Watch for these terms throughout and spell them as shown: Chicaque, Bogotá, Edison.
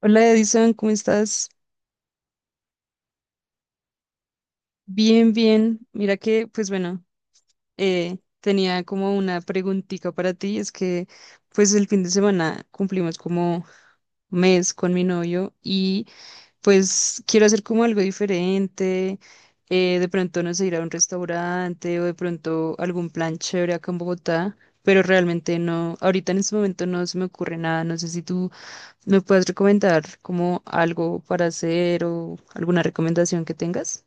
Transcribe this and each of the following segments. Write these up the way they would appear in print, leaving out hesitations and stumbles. Hola Edison, ¿cómo estás? Bien, bien. Mira que, pues bueno, tenía como una preguntita para ti. Es que, pues el fin de semana cumplimos como mes con mi novio y pues quiero hacer como algo diferente. De pronto, no sé, ir a un restaurante o de pronto algún plan chévere acá en Bogotá, pero realmente no, ahorita en este momento no se me ocurre nada. No sé si tú ¿me puedes recomendar como algo para hacer o alguna recomendación que tengas?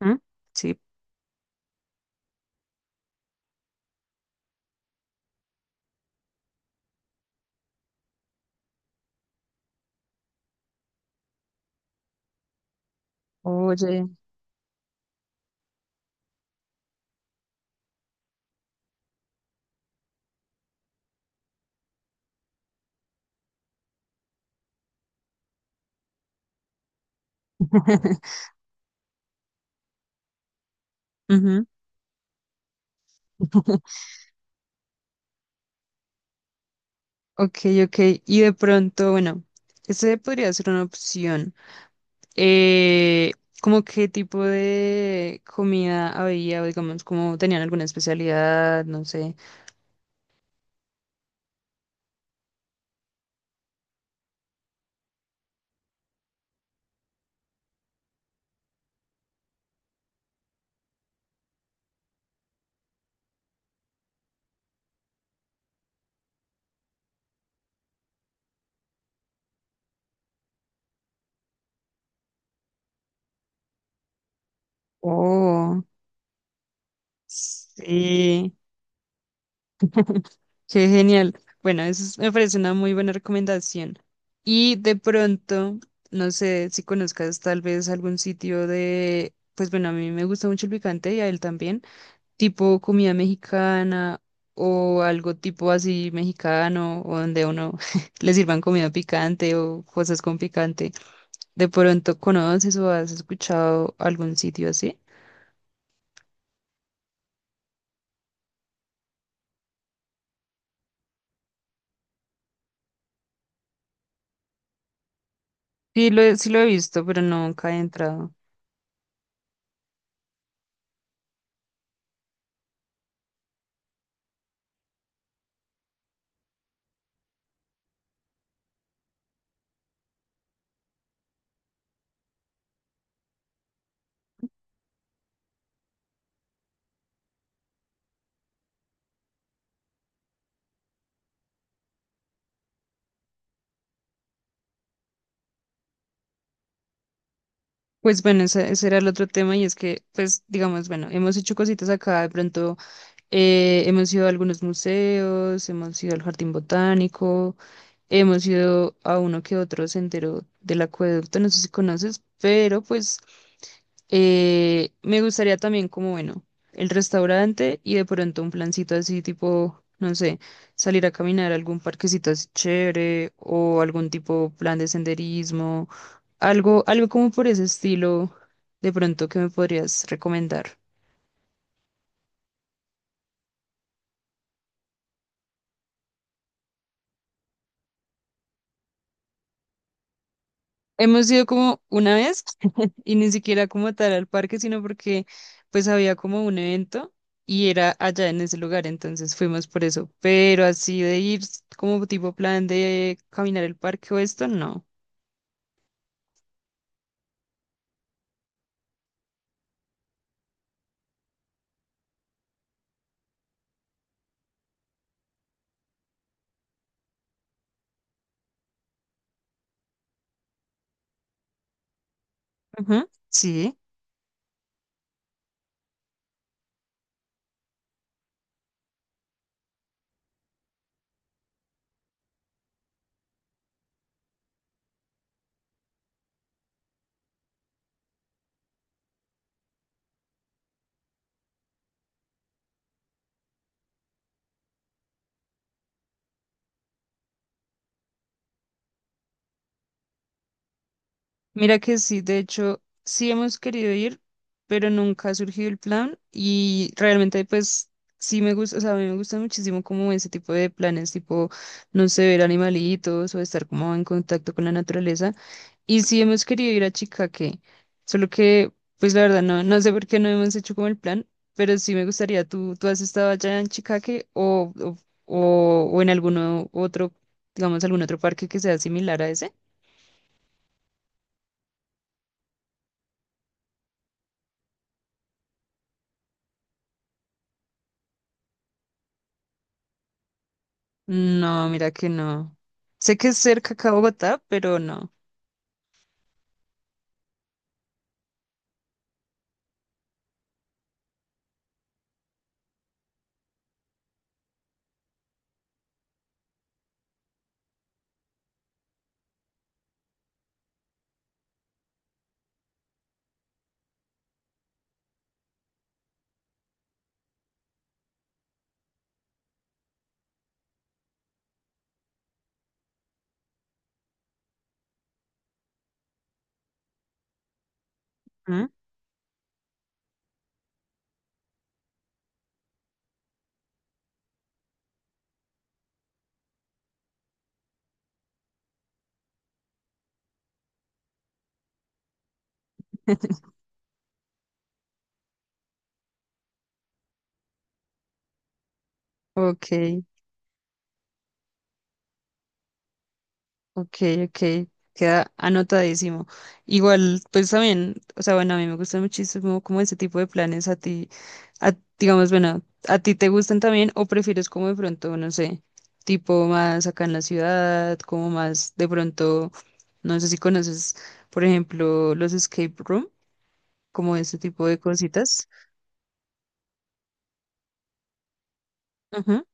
¿Mm? Sí. Oye. Ujú. Ok, ok. Y de pronto, bueno, ese podría ser una opción. Eh, ¿Cómo qué tipo de comida había? O digamos, ¿cómo tenían alguna especialidad? No sé. Oh, sí. Qué genial. Bueno, eso es- me parece una muy buena recomendación. Y de pronto, no sé si conozcas tal vez algún sitio de, pues bueno, a mí me gusta mucho el picante y a él también, tipo comida mexicana o algo tipo así mexicano, o donde a uno le sirvan comida picante o cosas con picante. ¿De pronto conoces o has escuchado algún sitio así? Sí lo he visto, pero nunca he entrado. Pues bueno, ese era el otro tema y es que, pues digamos, bueno, hemos hecho cositas acá, de pronto hemos ido a algunos museos, hemos ido al jardín botánico, hemos ido a uno que otro sendero del acueducto, no sé si conoces, pero pues me gustaría también como, bueno, el restaurante y de pronto un plancito así tipo, no sé, salir a caminar a algún parquecito así chévere o algún tipo plan de senderismo, algo, algo como por ese estilo, de pronto que me podrías recomendar. Hemos ido como una vez y ni siquiera como tal al parque, sino porque pues había como un evento y era allá en ese lugar, entonces fuimos por eso. Pero así de ir como tipo plan de caminar el parque o esto, no. Ujú, sí, mira que sí, de hecho sí hemos querido ir, pero nunca ha surgido el plan y realmente pues sí me gusta, o sea, a mí me gusta muchísimo como ese tipo de planes, tipo, no sé, ver animalitos o estar como en contacto con la naturaleza. Y sí hemos querido ir a Chicaque, solo que, pues la verdad, no, no sé por qué no hemos hecho como el plan, pero sí me gustaría, ¿tú has estado allá en Chicaque o en alguno otro, digamos, algún otro parque que sea similar a ese? No, mira que no. Sé que es cerca acá a Bogotá, pero no. ¿Mm? Ok. Ok, ok, queda anotadísimo. Igual, pues también, o sea, bueno, a mí me gustan muchísimo como ese tipo de planes a ti, a- digamos, bueno, ¿a ti te gustan también o prefieres como de pronto, no sé, tipo más acá en la ciudad, como más de pronto, no sé si conoces, por ejemplo, los escape room, como ese tipo de cositas? Ujú,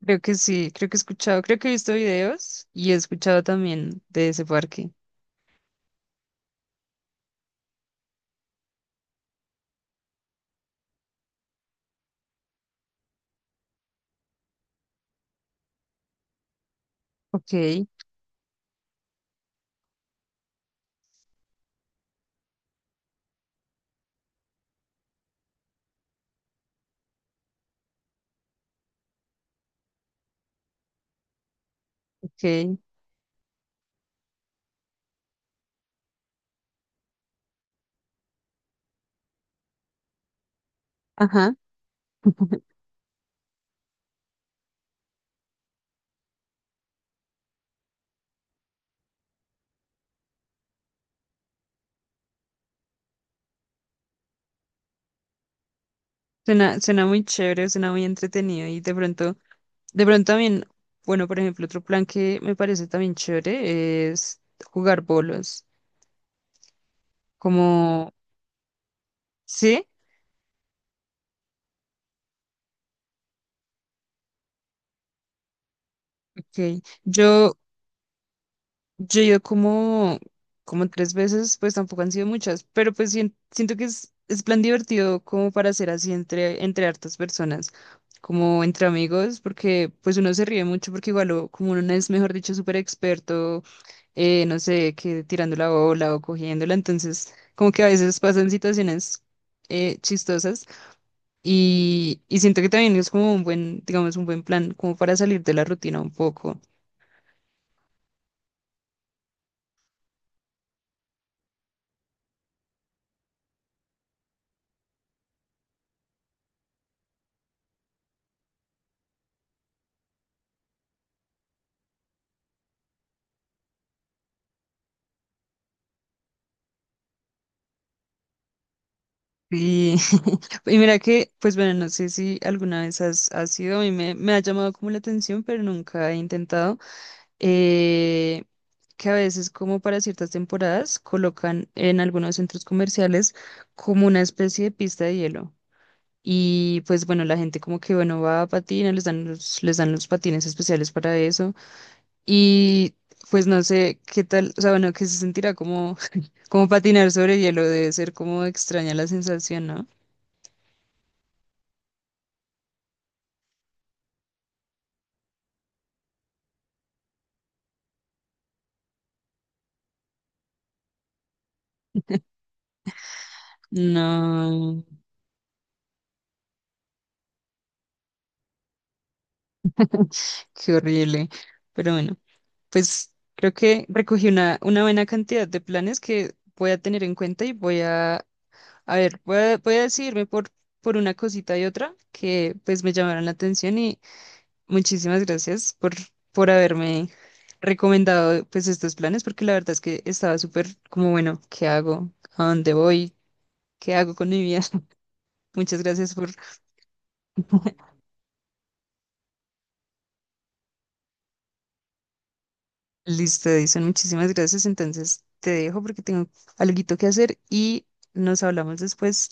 creo que sí, creo que he escuchado, creo que he visto videos y he escuchado también de ese parque. Ok, ok, ajá. Suena, suena muy chévere, suena muy entretenido y de pronto también, bueno, por ejemplo, otro plan que me parece también chévere es jugar bolos, como, ¿sí? Ok, yo he ido como, como tres veces, pues tampoco han sido muchas, pero pues sien- siento que es plan divertido como para hacer así entre, entre hartas personas, como entre amigos, porque pues uno se ríe mucho porque igual o- como uno no es, mejor dicho, súper experto no sé, que tirando la bola o cogiéndola. Entonces, como que a veces pasan situaciones chistosas y siento que también es como un buen, digamos, un buen plan, como para salir de la rutina un poco. Y, y mira que, pues bueno, no sé si alguna vez has, has sido, a mí me, me ha llamado como la atención, pero nunca he intentado, eh, que a veces como para ciertas temporadas colocan en algunos centros comerciales como una especie de pista de hielo. Y pues bueno, la gente como que bueno va a patinar, les dan los patines especiales para eso. Y pues no sé qué tal, o sea, bueno, que se sentirá como, como patinar sobre hielo, debe ser como extraña la sensación, ¿no? No, qué horrible. Pero bueno, pues creo que recogí una buena cantidad de planes que voy a tener en cuenta y voy a ver, voy a, voy a decidirme por una cosita y otra que pues me llamaron la atención. Muchísimas gracias por haberme recomendado pues estos planes, porque la verdad es que estaba súper como, bueno, ¿qué hago? ¿A dónde voy? ¿Qué hago con mi vida? Muchas gracias por... Listo, Edison, muchísimas gracias. Entonces te dejo porque tengo algo que hacer y nos hablamos después.